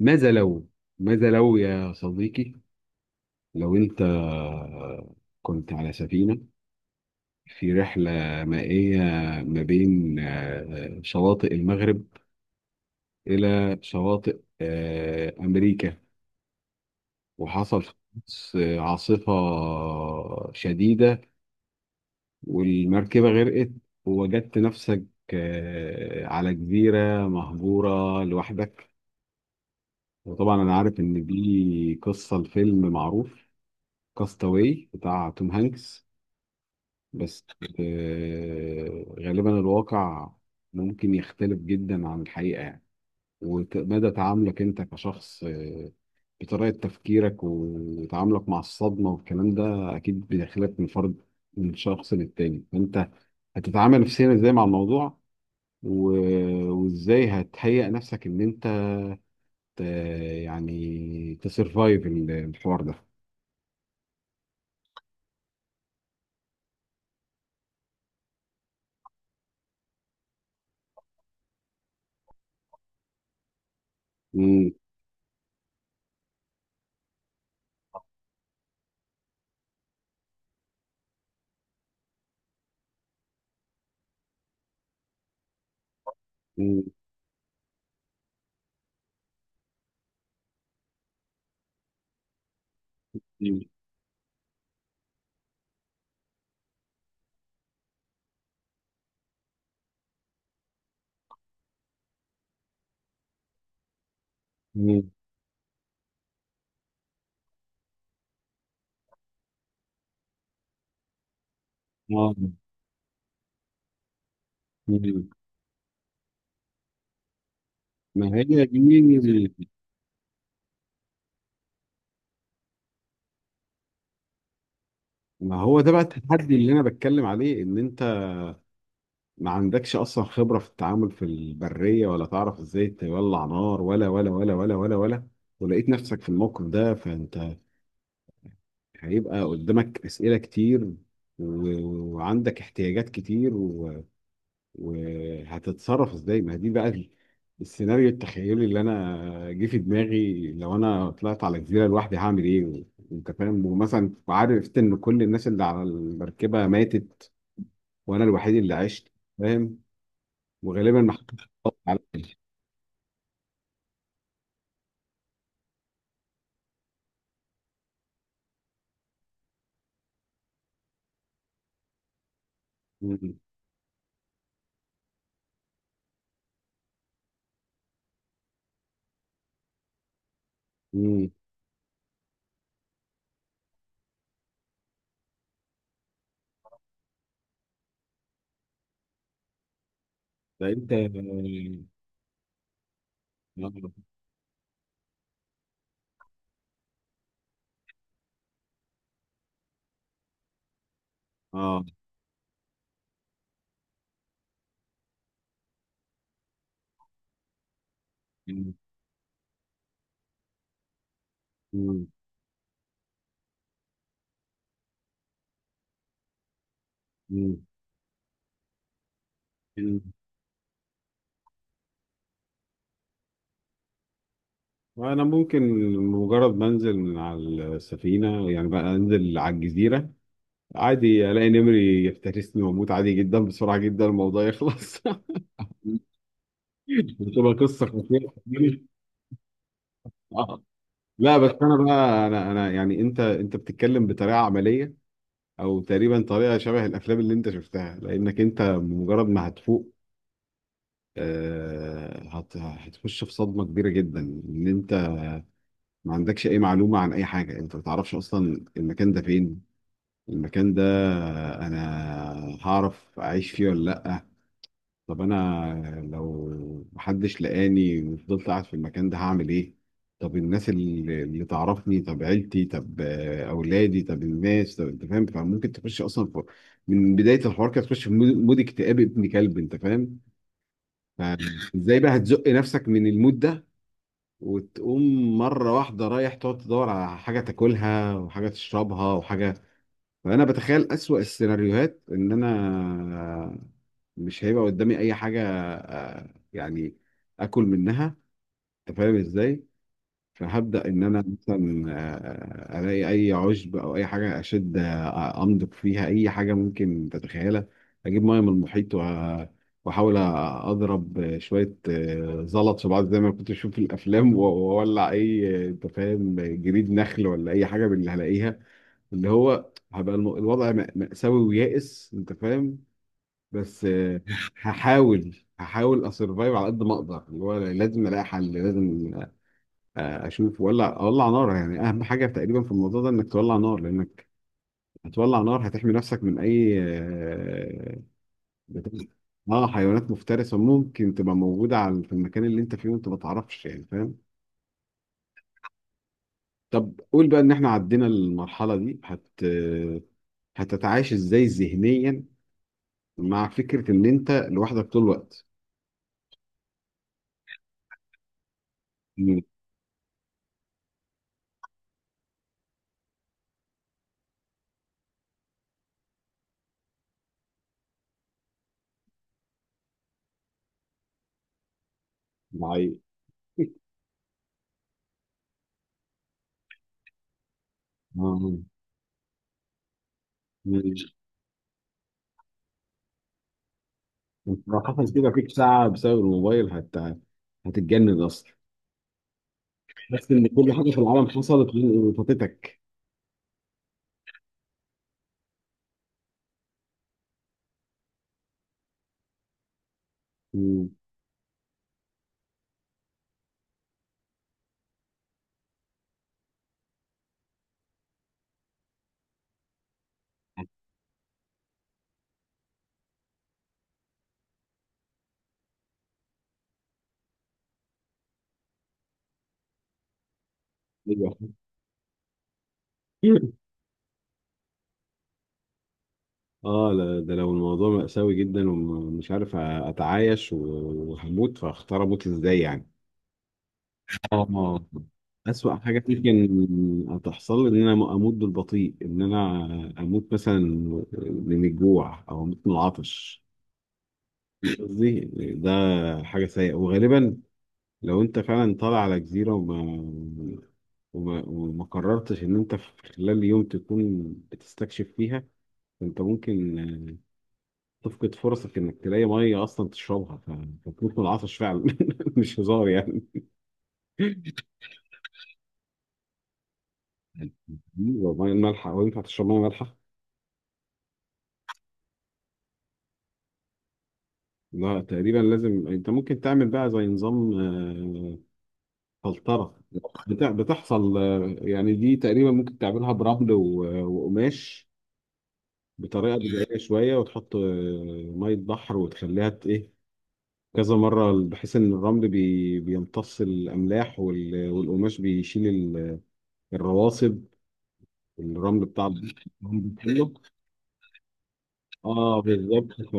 ماذا لو ماذا لو يا صديقي، لو انت كنت على سفينة في رحلة مائية ما بين شواطئ المغرب إلى شواطئ أمريكا، وحصل في القدس عاصفة شديدة والمركبة غرقت، ووجدت نفسك على جزيرة مهجورة لوحدك. وطبعا أنا عارف إن دي قصة الفيلم معروف كاستاوي بتاع توم هانكس. بس غالبا الواقع ممكن يختلف جدا عن الحقيقة يعني، ومدى تعاملك انت كشخص بطريقة تفكيرك وتعاملك مع الصدمة والكلام ده أكيد بيختلف من فرد، من شخص للتاني. فأنت هتتعامل نفسيا ازاي مع الموضوع؟ وازاي هتهيئ نفسك ان انت ت- يعني تسرفايف الحوار ده؟ مم. مم. مم. مم. آه. مم. ما هي دي. ما هو ده بقى التحدي اللي انا بتكلم عليه، ان انت ما عندكش اصلا خبرة في التعامل في البرية، ولا تعرف ازاي تولع نار، ولا ولا ولا ولا ولا ولا، ولقيت نفسك في الموقف ده. فانت هيبقى قدامك اسئلة كتير، وعندك احتياجات كتير، وهتتصرف ازاي؟ ما دي بقى السيناريو التخيلي اللي انا جه في دماغي، لو انا طلعت على جزيرة لوحدي هعمل ايه. انت فاهم؟ ومثلا عارف ان كل الناس اللي على المركبة ماتت وانا الوحيد اللي عشت، فاهم؟ وغالبا ما حدش بيطلع عليا. مم. مم. ده انت اه. آه، آه. مم. مم. مم. مم. انا ممكن مجرد ما انزل من على السفينه، يعني بقى انزل على الجزيره، عادي الاقي نمري يفترسني واموت عادي جدا، بسرعه جدا الموضوع يخلص بتبقى قصه خطيره آه. لا بس انا بقى، انا يعني، انت بتتكلم بطريقه عمليه او تقريبا طريقه شبه الافلام اللي انت شفتها. لانك انت مجرد ما هتفوق، هتخش في صدمه كبيره جدا. ان انت ما عندكش اي معلومه عن اي حاجه، انت ما تعرفش اصلا المكان ده فين. المكان ده انا هعرف اعيش فيه ولا لا؟ طب انا لو محدش لقاني وفضلت قاعد في المكان ده هعمل ايه؟ طب الناس اللي تعرفني؟ طب عيلتي؟ طب اولادي؟ طب الناس؟ طب، انت فاهم؟ فممكن تخش اصلا في، من بدايه الحوار كده تخش في مود اكتئاب ابن كلب، انت فاهم؟ فازاي بقى هتزق نفسك من المود ده وتقوم مره واحده رايح تقعد تدور على حاجه تاكلها وحاجه تشربها وحاجه. فانا بتخيل اسوأ السيناريوهات، ان انا مش هيبقى قدامي اي حاجه يعني اكل منها، انت فاهم ازاي؟ فهبدا ان انا مثلا الاقي اي عشب او اي حاجه اشد، امضغ فيها اي حاجه ممكن تتخيلها، اجيب ميه من المحيط، واحاول اضرب شويه زلط في بعض زي ما كنت بشوف في الافلام، واولع اي انت فاهم جريد نخل ولا اي حاجه من اللي هلاقيها. اللي هو هبقى الوضع مأساوي ويائس، انت فاهم؟ بس هحاول اسرفايف على قد ما اقدر. اللي هو لازم الاقي حل، لازم اشوف ولا اولع نار. يعني اهم حاجه تقريبا في الموضوع ده انك تولع نار، لانك هتولع نار هتحمي نفسك من اي بت- حيوانات مفترسه ممكن تبقى موجوده على في المكان اللي انت فيه وانت ما تعرفش، يعني فاهم؟ طب قول بقى ان احنا عدينا المرحله دي، هتتعايش ازاي ذهنيا مع فكرة إن أنت لوحدك طول الوقت؟ مم. معايا. آه. مش أنت لو حصل كده فيك ساعة بسبب الموبايل هتتجنن أصلا؟ بس إن كل حاجة في العالم حصلت وفاتتك. مم. أيوة. اه لا، ده لو الموضوع مأساوي جدا ومش عارف أتعايش وهموت، فاختار أموت إزاي يعني. اه أسوأ حاجة ممكن تحصل إن أنا أموت بالبطيء، إن أنا أموت مثلا من الجوع أو أموت من العطش. قصدي ده حاجة سيئة. وغالبا لو أنت فعلا طالع على جزيرة وما قررتش إن أنت في خلال يوم تكون بتستكشف فيها، أنت ممكن تفقد فرصك إنك تلاقي مية أصلا تشربها، فتموت من العطش فعلا مش هزار يعني. مية مالحة؟ وينفع تشرب مية مالحة؟ لا تقريبا لازم، انت ممكن تعمل بقى زي نظام فلترة بتاع بتحصل، يعني دي تقريبا ممكن تعملها برمل وقماش بطريقة بدائية شوية، وتحط مية بحر وتخليها ايه، كذا مرة، بحيث ان الرمل بيمتص الاملاح والقماش بيشيل الرواسب، الرمل بتاع الرمل كله. اه بالظبط.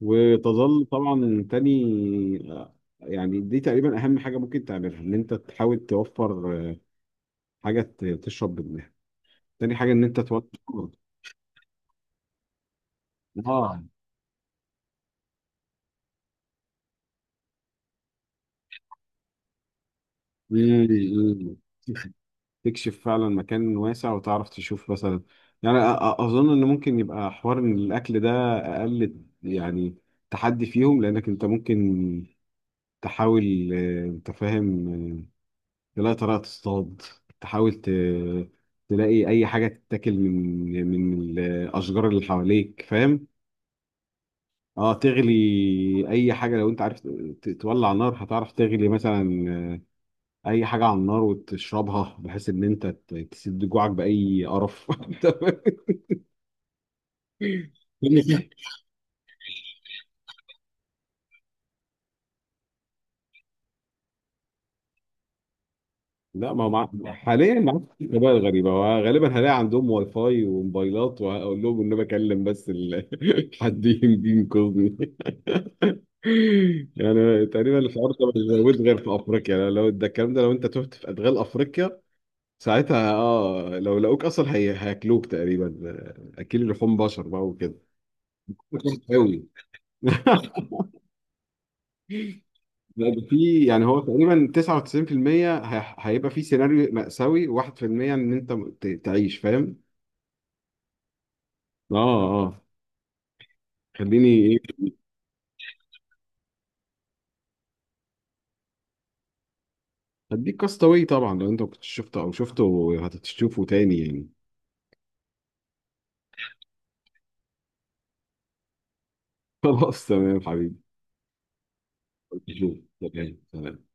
وتظل طبعا تاني آه، يعني دي تقريبا اهم حاجه ممكن تعملها، ان انت تحاول توفر حاجه تشرب منها. تاني حاجه ان انت توفر. اه. مم، مم. تكشف فعلا مكان واسع وتعرف تشوف مثلا، يعني اظن ان ممكن يبقى حوار ان الاكل ده اقل يعني تحدي فيهم، لانك انت ممكن تحاول انت فاهم تلاقي طريقة تصطاد، تحاول تلاقي أي حاجة تتاكل من الأشجار اللي حواليك، فاهم؟ اه تغلي أي حاجة. لو أنت عارف تولع نار، هتعرف تغلي مثلا أي حاجة على النار وتشربها، بحيث إن أنت تسد جوعك بأي قرف لا ما هو حاليا ما عادش في موبايل. غريبة، هو غالبا هلاقي عندهم واي فاي وموبايلات، وهقول لهم إن أنا بكلم بس حد يجي ينقذني. يعني تقريبا الحوار ده مش موجود غير في افريقيا. لو ده الكلام ده، لو انت تهت في ادغال افريقيا، ساعتها لو لقوك اصلا، هياكلوك تقريبا. اكل لحوم بشر بقى وكده قوي لا ده في، يعني هو تقريبا 99% هي... هيبقى في سيناريو مأساوي، 1% ان انت تعيش، فاهم؟ اه، اه، خليني ايه. هديك كاستاوي طبعا، لو انت ما كنتش شفته او شفته هتشوفه تاني يعني. خلاص تمام حبيبي. شوف. تمام، تمام.